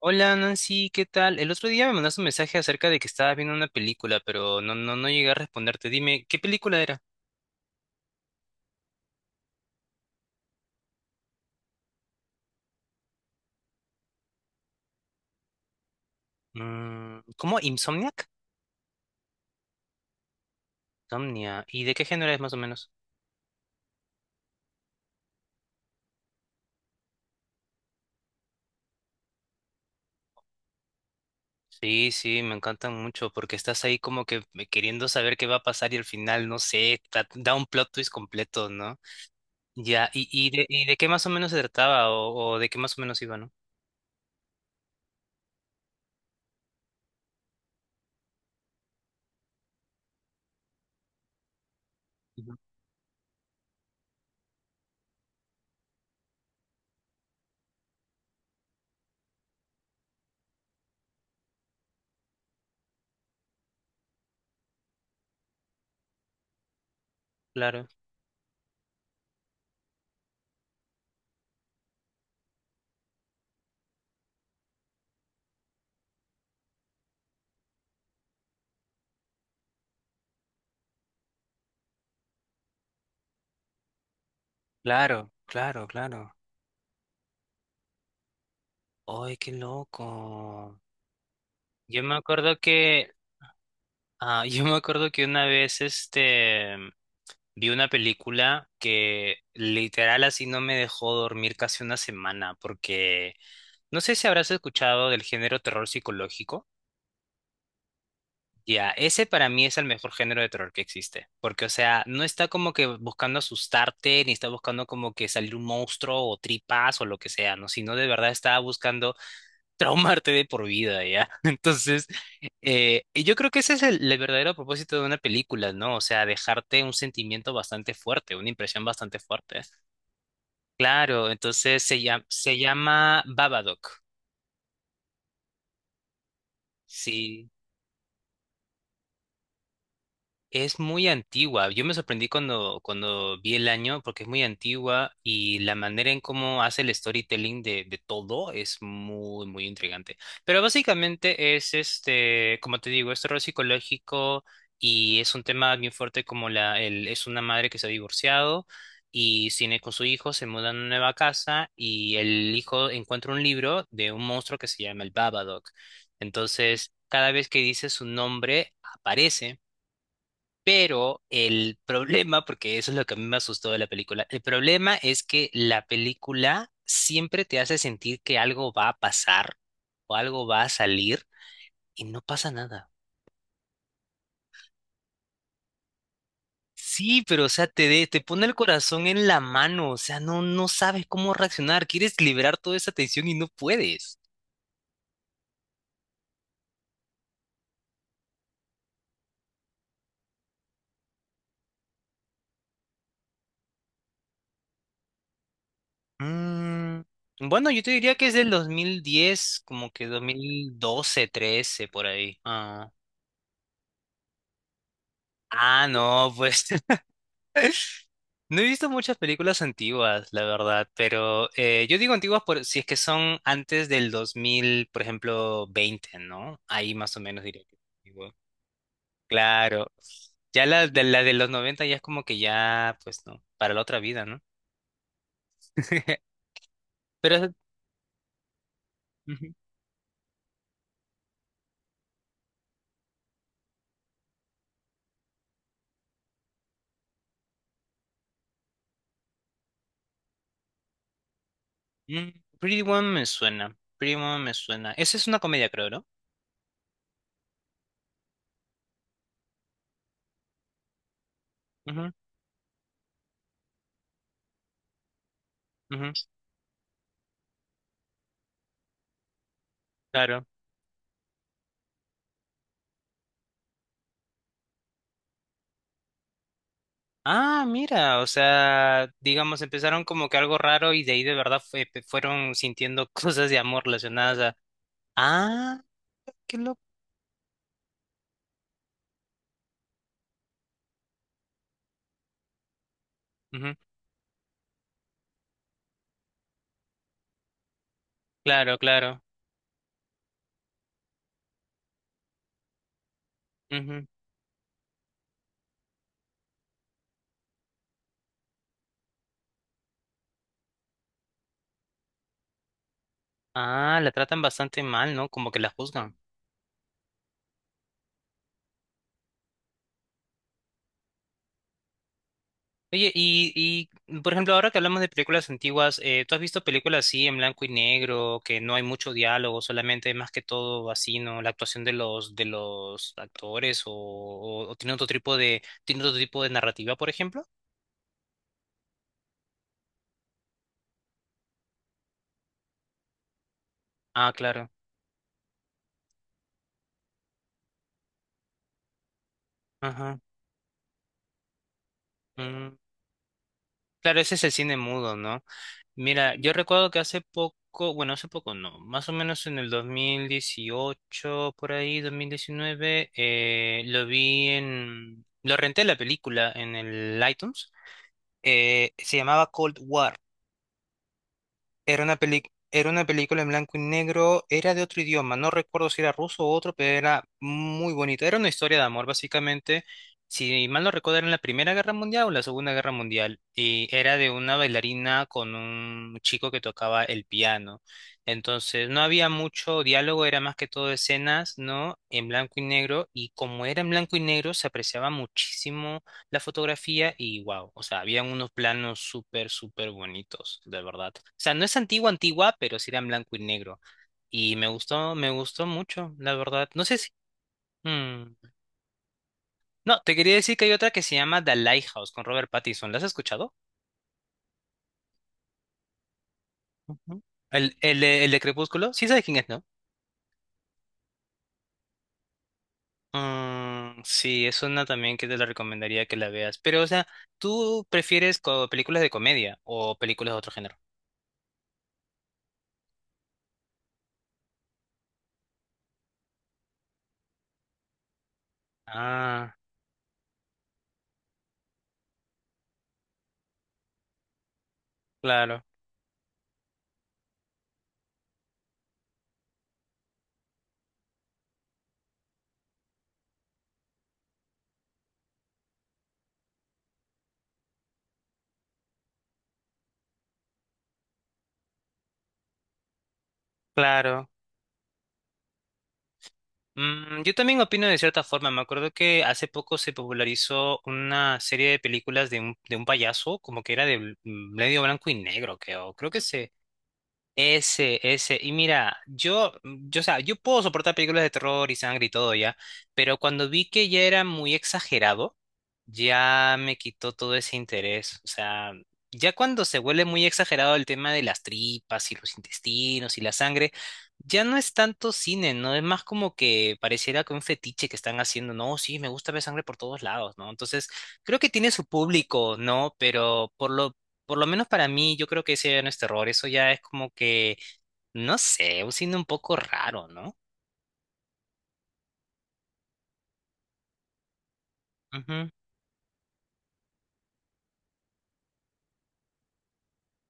Hola Nancy, ¿qué tal? El otro día me mandaste un mensaje acerca de que estabas viendo una película, pero no llegué a responderte. Dime, ¿qué película era? Mm, ¿cómo? ¿Insomniac? Insomnia. ¿Y de qué género es más o menos? Sí, sí, me encantan mucho porque estás ahí como que me- queriendo saber qué va a pasar y al final, no sé, tra- da un plot twist completo, ¿no? Ya, ¿y de qué más o menos se trataba o de qué más o menos iba, ¿no? Ujú. Claro, claro, claro, claro. ¡Ay, qué loco! Yo me acuerdo que Ah, yo me acuerdo que una vez este vi una película que literal así no me dejó dormir casi una semana porque no sé si habrás escuchado del género terror psicológico. Ya, ese para mí es el mejor género de terror que existe, porque o sea, no está como que buscando asustarte, ni está buscando como que salir un monstruo o tripas o lo que sea, no, sino de verdad está buscando traumarte de por vida, ¿ya? Entonces, y yo creo que ese es el verdadero propósito de una película, ¿no? O sea, dejarte un sentimiento bastante fuerte, una impresión bastante fuerte. Claro, entonces se llama Babadook. Sí. Es muy antigua. Yo me sorprendí cuando vi el año porque es muy antigua y la manera en cómo hace el storytelling de todo es muy, muy intrigante. Pero básicamente es este, como te digo, es terror psicológico y es un tema bien fuerte como es una madre que se ha divorciado y tiene con su hijo, se mudan a una nueva casa y el hijo encuentra un libro de un monstruo que se llama el Babadook. Entonces, cada vez que dice su nombre, aparece. Pero el problema, porque eso es lo que a mí me asustó de la película, el problema es que la película siempre te hace sentir que algo va a pasar o algo va a salir y no pasa nada. Sí, pero o sea, te pone el corazón en la mano, o sea, no sabes cómo reaccionar, quieres liberar toda esa tensión y no puedes. Mm, bueno, yo te diría que es del 2010, como que 2012, 13, por ahí. Ah, ah, no, pues. No he visto muchas películas antiguas, la verdad, pero yo digo antiguas por si es que son antes del 2000, por ejemplo, 20, ¿no? Ahí más o menos diría que es antiguo. Claro. Ya la de los 90 ya es como que ya, pues no, para la otra vida, ¿no? Pero es- Ujú. Mm, Pretty Woman me suena. Pretty Woman me suena. Esa es una comedia, creo, ¿no? Ujú, ujú, claro. Ah, mira, o sea, digamos, empezaron como que algo raro y de ahí de verdad fueron sintiendo cosas de amor relacionadas a... Ah, qué loco. Ujú, claro, claro. Ujú. Ah, la tratan bastante mal, ¿no? Como que la juzgan. Oye, y por ejemplo, ahora que hablamos de películas antiguas, ¿tú has visto películas así en blanco y negro, que no hay mucho diálogo, solamente más que todo así, ¿no? La actuación de de los actores, o tiene otro tipo tiene otro tipo de narrativa, por ejemplo? Ah, claro. Ajá. Mm. Claro, ese es el cine mudo, ¿no? Mira, yo recuerdo que hace poco, bueno, hace poco no, más o menos en el 2018 por ahí, 2019, lo vi lo renté la película en el iTunes, se llamaba Cold War. Era una peli- Era una película en blanco y negro, era de otro idioma, no recuerdo si era ruso o otro, pero era muy bonita. Era una historia de amor, básicamente. Si mal no recuerdo, era en la Primera Guerra Mundial o la Segunda Guerra Mundial. Y era de una bailarina con un chico que tocaba el piano. Entonces, no había mucho diálogo, era más que todo escenas, ¿no? En blanco y negro. Y como era en blanco y negro, se apreciaba muchísimo la fotografía y wow, o sea, habían unos planos súper, súper bonitos, de verdad. O sea, no es antigua, antigua, pero sí era en blanco y negro. Y me gustó mucho, la verdad. No sé si... mm, no, te quería decir que hay otra que se llama The Lighthouse con Robert Pattinson. ¿La has escuchado? Ujú. El de Crepúsculo, sí sabes quién es, ¿no? Mm, sí, es una también que te la recomendaría que la veas. Pero, o sea, ¿tú prefieres películas de comedia o películas de otro género? Ah, claro, claro. Mm, yo también opino de cierta forma. Me acuerdo que hace poco se popularizó una serie de películas de un payaso, como que era de medio blanco y negro, creo. Creo que se. Ese, ese. Y mira, o sea, yo puedo soportar películas de terror y sangre y todo ya, pero cuando vi que ya era muy exagerado ya me quitó todo ese interés. O sea, ya cuando se vuelve muy exagerado el tema de las tripas y los intestinos y la sangre, ya no es tanto cine, ¿no? Es más como que pareciera que un fetiche que están haciendo, no, sí, me gusta ver sangre por todos lados, ¿no? Entonces, creo que tiene su público, ¿no? Pero por lo... por lo menos para mí, yo creo que ese ya no es terror, eso ya es como que, no sé, un cine un poco raro, no.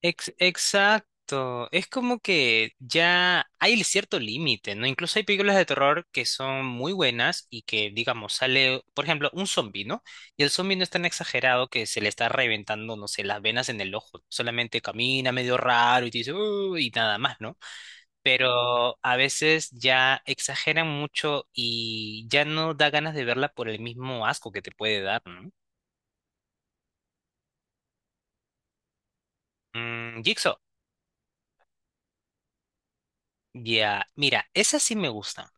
Exacto. Es como que ya hay cierto límite, ¿no? Incluso hay películas de terror que son muy buenas y que, digamos, sale, por ejemplo, un zombi, ¿no? Y el zombi no es tan exagerado que se le está reventando, no sé, las venas en el ojo. Solamente camina medio raro y te dice, y nada más, ¿no? Pero a veces ya exageran mucho y ya no da ganas de verla por el mismo asco que te puede dar, ¿no? Mm, Jigsaw. Ya, mira, esa sí me gusta.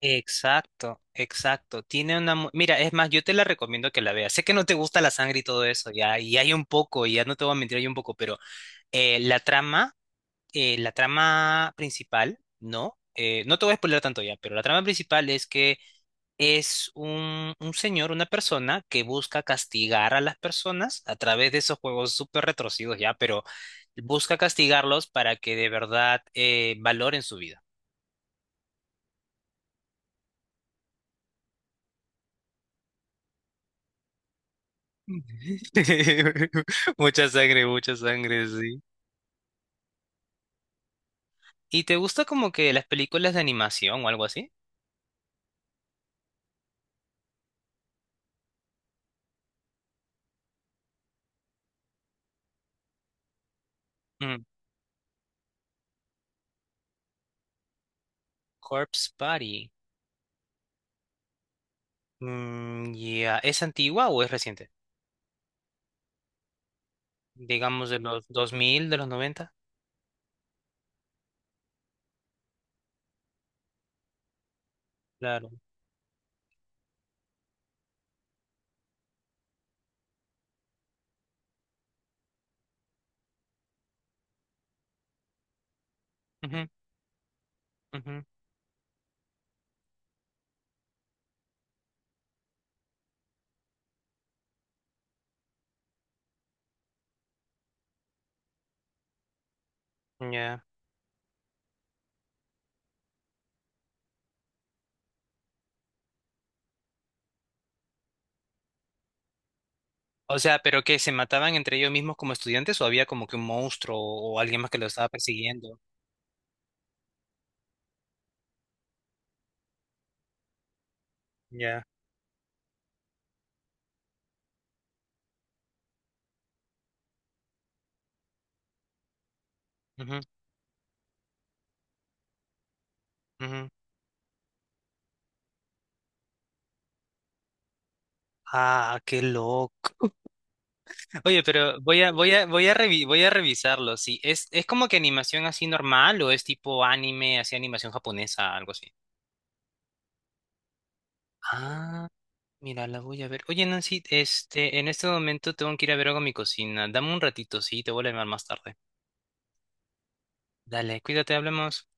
Exacto, exacto. Tiene una... Mira, es más, yo te la recomiendo que la veas. Sé que no te gusta la sangre y todo eso, ya, y hay un poco, y ya no te voy a mentir, hay un poco, pero eh, la trama, la trama principal, ¿no? No te voy a spoiler tanto ya, pero la trama principal es que es un señor, una persona que busca castigar a las personas a través de esos juegos súper retorcidos ya, pero busca castigarlos para que de verdad valoren su vida. Mucha sangre, sí. ¿Y te gusta como que las películas de animación o algo así? Mm, Corpse Party. Mm, ya. ¿Es antigua o es reciente? Digamos de los 2000, de los 90. Claro. Ujú, ujú. Ya. O sea, ¿pero que se mataban entre ellos mismos como estudiantes o había como que un monstruo o alguien más que lo estaba persiguiendo? Ya. Ujú, ujú. Ah, qué loco. Oye, pero voy a revisarlo. Sí, es como que animación así normal o es tipo anime, así animación japonesa, algo así. Ah, mira, la voy a ver. Oye, Nancy, en este momento tengo que ir a ver algo a mi cocina. Dame un ratito, sí, te vuelvo a llamar más tarde. Dale, cuídate, hablemos.